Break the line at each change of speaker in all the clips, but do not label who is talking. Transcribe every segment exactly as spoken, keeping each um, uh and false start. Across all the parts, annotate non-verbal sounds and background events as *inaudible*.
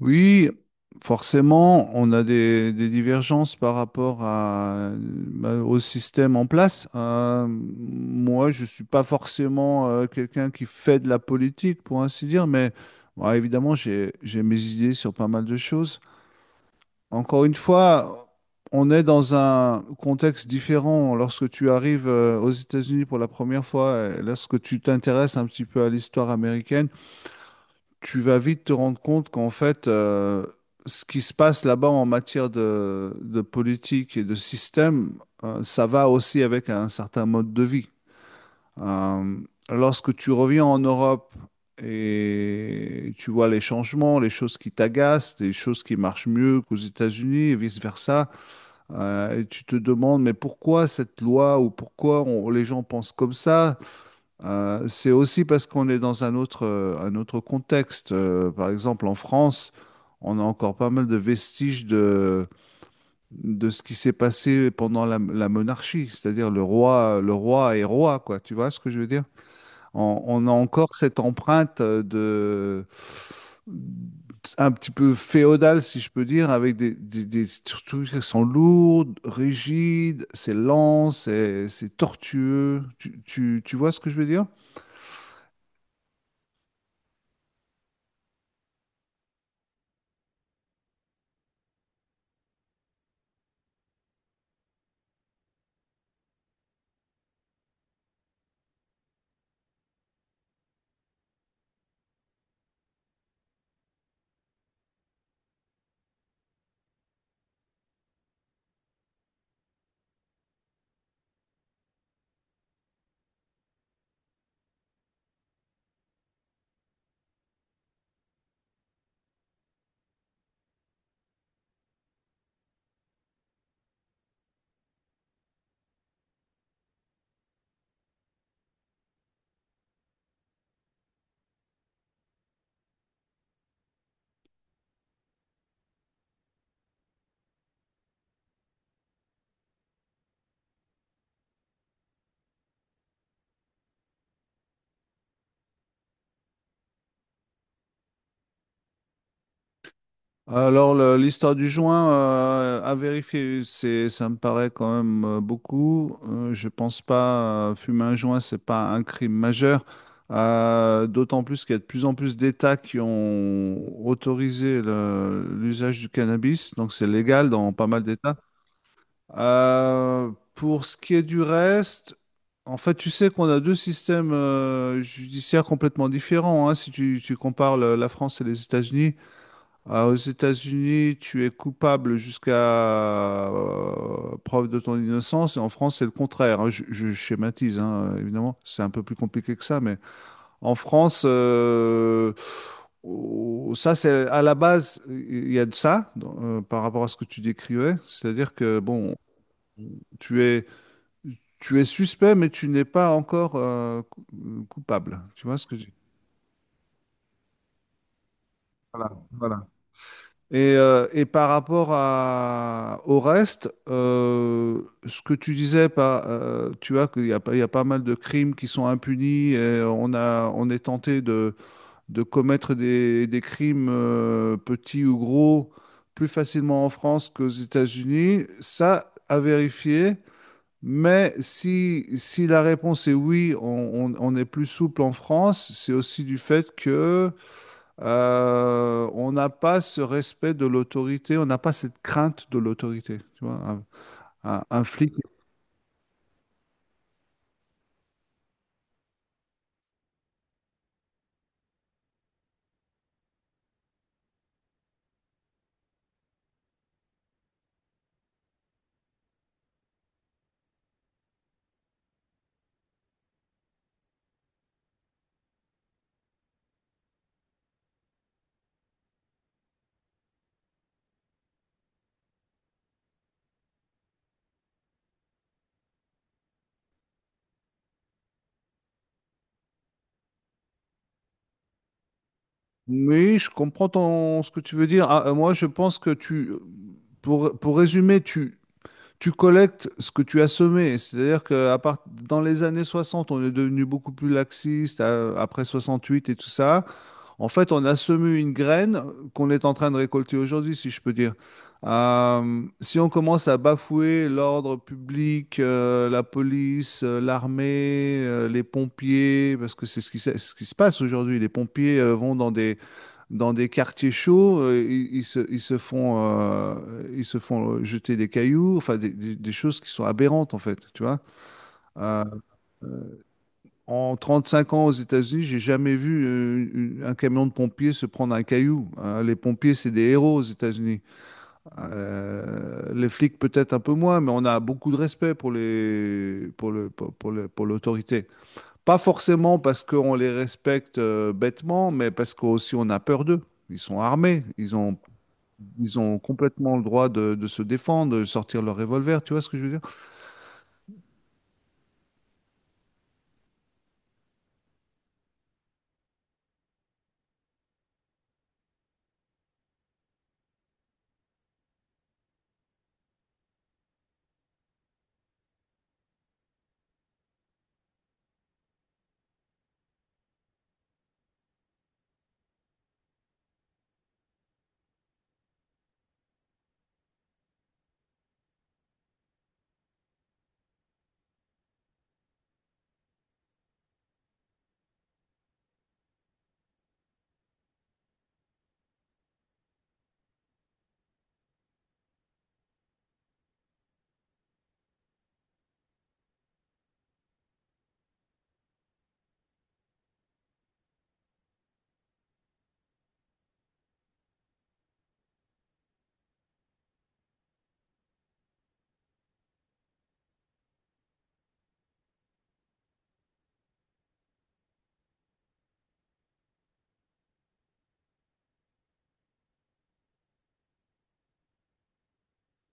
Oui, forcément, on a des, des divergences par rapport à, bah, au système en place. Euh, moi, je ne suis pas forcément euh, quelqu'un qui fait de la politique, pour ainsi dire, mais bon, évidemment, j'ai, j'ai mes idées sur pas mal de choses. Encore une fois, on est dans un contexte différent lorsque tu arrives euh, aux États-Unis pour la première fois, et lorsque tu t'intéresses un petit peu à l'histoire américaine. Tu vas vite te rendre compte qu'en fait, euh, ce qui se passe là-bas en matière de, de politique et de système, euh, ça va aussi avec un certain mode de vie. Euh, Lorsque tu reviens en Europe et tu vois les changements, les choses qui t'agacent, les choses qui marchent mieux qu'aux États-Unis et vice-versa, euh, et tu te demandes, mais pourquoi cette loi ou pourquoi on- les gens pensent comme ça? Euh, c'est aussi parce qu'on est dans un autre, euh, un autre contexte. Euh, par exemple, en France, on a encore pas mal de vestiges de, de ce qui s'est passé pendant la, la monarchie, c'est-à-dire le roi, le roi est roi, quoi. Tu vois ce que je veux dire? On, on a encore cette empreinte euh, de un petit peu féodale, si je peux dire, avec des, des, des structures qui sont lourdes, rigides, c'est lent, c'est c'est tortueux. Tu, tu, tu vois ce que je veux dire? Alors, le- l'histoire du joint, euh, à vérifier, c'est, ça me paraît quand même euh, beaucoup. Euh, je pense pas, euh, fumer un joint, c'est pas un crime majeur. Euh, d'autant plus qu'il y a de plus en plus d'États qui ont autorisé le- l'usage du cannabis, donc c'est légal dans pas mal d'États. Euh, pour ce qui est du reste, en fait, tu sais qu'on a deux systèmes euh, judiciaires complètement différents, hein, si tu, tu compares le- la France et les États-Unis. Ah, aux États-Unis, tu es coupable jusqu'à euh, preuve de ton innocence, et en France, c'est le contraire, hein. Je, je schématise, hein, évidemment, c'est un peu plus compliqué que ça, mais en France, euh, oh, ça, c'est à la base, il y a de ça dans- euh, par rapport à ce que tu décrivais, c'est-à-dire que, bon, tu es, tu es suspect, mais tu n'es pas encore euh, cou- coupable. Tu vois ce que je. Et, euh, et par rapport à, au reste, euh, ce que tu disais, pas, euh, tu vois qu'il y a, pas- il y a pas mal de crimes qui sont impunis et on a, on est tenté de, de commettre des, des crimes euh, petits ou gros plus facilement en France qu'aux États-Unis. Ça, à vérifier. Mais si, si la réponse est oui, on, on- on est plus souple en France, c'est aussi du fait que euh, on n'a pas ce respect de l'autorité, on n'a pas cette crainte de l'autorité, tu vois, un, un- un flic. Oui, je comprends ton, ce que tu veux dire. Ah, euh, moi, je pense que tu, pour, pour résumer, tu, tu collectes ce que tu as semé. C'est-à-dire que à part, dans les années soixante, on est devenu beaucoup plus laxiste, euh, après huit et tout ça. En fait, on a semé une graine qu'on est en train de récolter aujourd'hui, si je peux dire. Euh, si on commence à bafouer l'ordre public, euh, la police, euh, l'armée, euh, les pompiers, parce que c'est ce qui, se ce qui se passe aujourd'hui, les pompiers euh, vont dans des, dans des quartiers chauds, euh, ils, ils se, ils se font, euh, ils se font jeter des cailloux, enfin des, des- des choses qui sont aberrantes en fait, tu vois. Euh, en trente-cinq ans aux États-Unis, j'ai jamais vu euh, une- un camion de pompiers se prendre un caillou, hein. Les pompiers, c'est des héros aux États-Unis. Euh, les flics, peut-être un peu moins, mais on a beaucoup de respect pour les, pour le, pour, pour le- pour l'autorité. Pas forcément parce qu'on les respecte euh, bêtement, mais parce qu'aussi on a peur d'eux. Ils sont armés, ils ont, Ils ont complètement le droit de, de se défendre, de sortir leur revolver. Tu vois ce que je veux dire?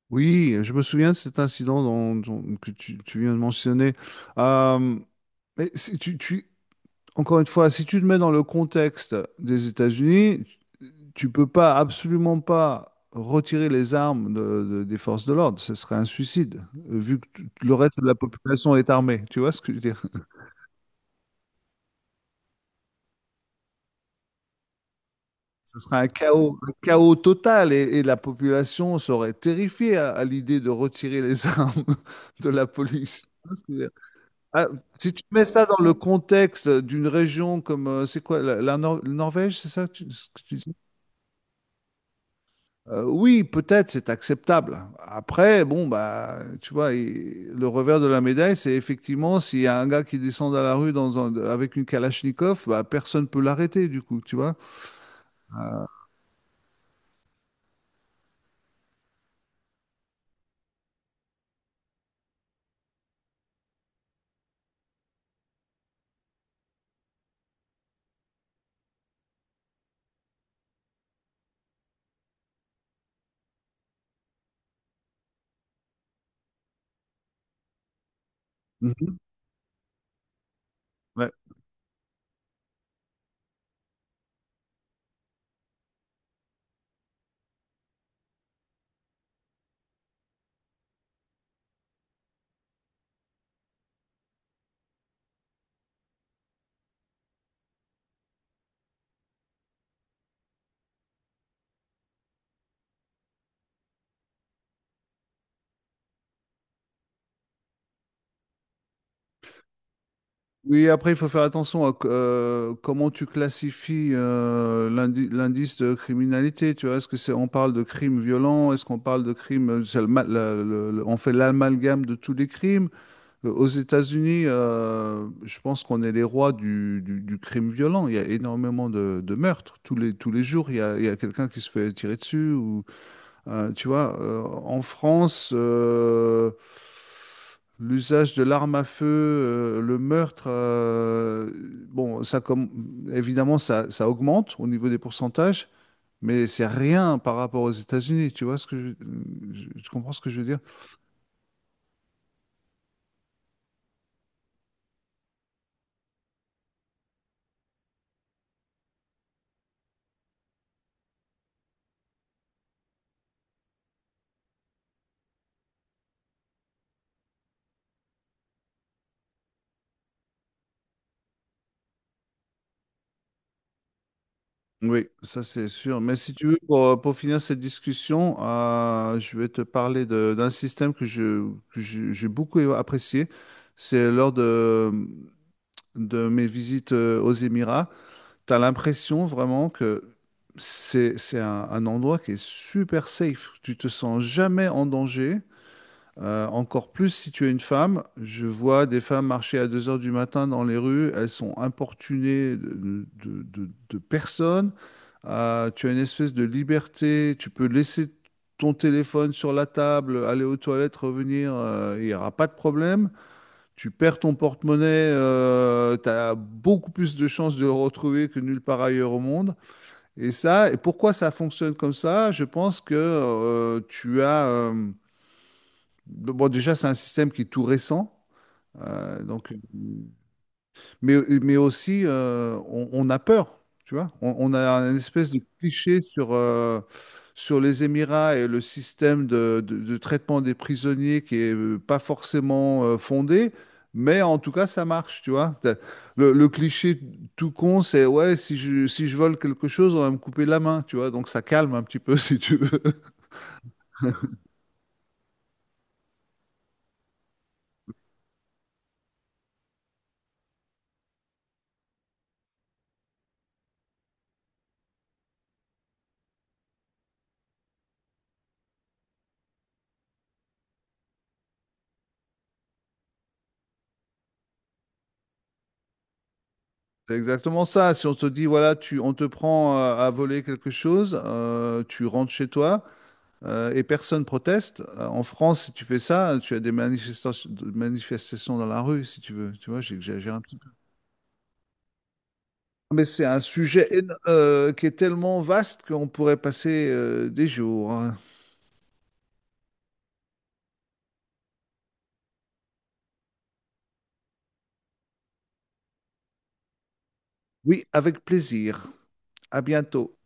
Oui, je me souviens de cet incident dont- dont- que tu, tu viens de mentionner. Euh, Mais si tu, tu- encore une fois, si tu te mets dans le contexte des États-Unis, tu peux pas, absolument pas retirer les armes de- de- des forces de l'ordre. Ce serait un suicide, euh, vu que tout- le reste de la population est armée. Tu vois ce que je veux dire? Ce serait un chaos, un chaos total et, et la population serait terrifiée à, à l'idée de retirer les *laughs* armes de la police. Tu vois ce que je veux dire. Ah, si tu mets ça dans le contexte d'une région comme, euh, c'est quoi, la, la Nor- Norvège, c'est ça que tu- ce que tu. Euh, oui, peut-être c'est acceptable. Après, bon, bah, tu vois, il- le revers de la médaille, c'est effectivement s'il y a un gars qui descend dans la rue dans un- avec une Kalachnikov, bah, personne ne peut l'arrêter, du coup, tu vois. Mhm. Ouais. Oui, après, il faut faire attention à c- euh, comment tu classifies euh, l'indi- l'indice de criminalité. Tu vois, est-ce que c'est on parle de crimes violents, est-ce qu'on parle de crimes, c'est le ma- le- le- le- on fait l'amalgame de tous les crimes. Euh, Aux États-Unis, euh, je pense qu'on est les rois du, du- du crime violent. Il y a énormément de, de meurtres. Tous les, tous les jours, il y a, il y a quelqu'un qui se fait tirer dessus. Ou, euh, tu vois, euh, en France, euh, l'usage de l'arme à feu, euh, le meurtre, euh, bon, ça comme, évidemment, ça, ça augmente au niveau des pourcentages, mais c'est rien par rapport aux États-Unis. Tu vois ce que je, je- tu comprends ce que je veux dire? Oui, ça c'est sûr. Mais si tu veux, pour, pour finir cette discussion, euh, je vais te parler de- d'un système que je, que je- j'ai beaucoup apprécié. C'est lors de, de mes visites euh, aux Émirats. Tu as l'impression vraiment que c'est, c'est un, un endroit qui est super safe. Tu te sens jamais en danger. Euh, encore plus si tu es une femme, je vois des femmes marcher à deux heures du matin dans les rues, elles sont importunées de, de- de- de personnes. Euh, tu as une espèce de liberté, tu peux laisser ton téléphone sur la table, aller aux toilettes, revenir, euh, il n'y aura pas de problème. Tu perds ton porte-monnaie, tu as beaucoup plus de chances de le retrouver que nulle part ailleurs au monde. Et ça, et pourquoi ça fonctionne comme ça? Je pense que euh, tu as... euh, bon, déjà, c'est un système qui est tout récent. Euh, donc, euh, mais, mais aussi, euh, on, on a peur, tu vois. On, on a une espèce de cliché sur, euh, sur les Émirats et le système de, de- de traitement des prisonniers qui est euh, pas forcément euh, fondé. Mais en tout cas, ça marche, tu vois. T'as. Le, le cliché tout con, c'est ouais, si je, si je vole quelque chose, on va me couper la main, tu vois. Donc ça calme un petit peu, *laughs* si tu veux. C'est exactement ça. Si on te dit, voilà, tu, on te prend euh, à, voler quelque chose, euh, tu rentres chez toi euh, et personne proteste. Euh, En France, si tu fais ça, tu as des manifestations, manifestations dans la rue, si tu veux. Tu vois, j'exagère un petit peu. Mais c'est un sujet éno- euh, qui est tellement vaste qu'on pourrait passer euh, des jours, hein. Oui, avec plaisir. À bientôt.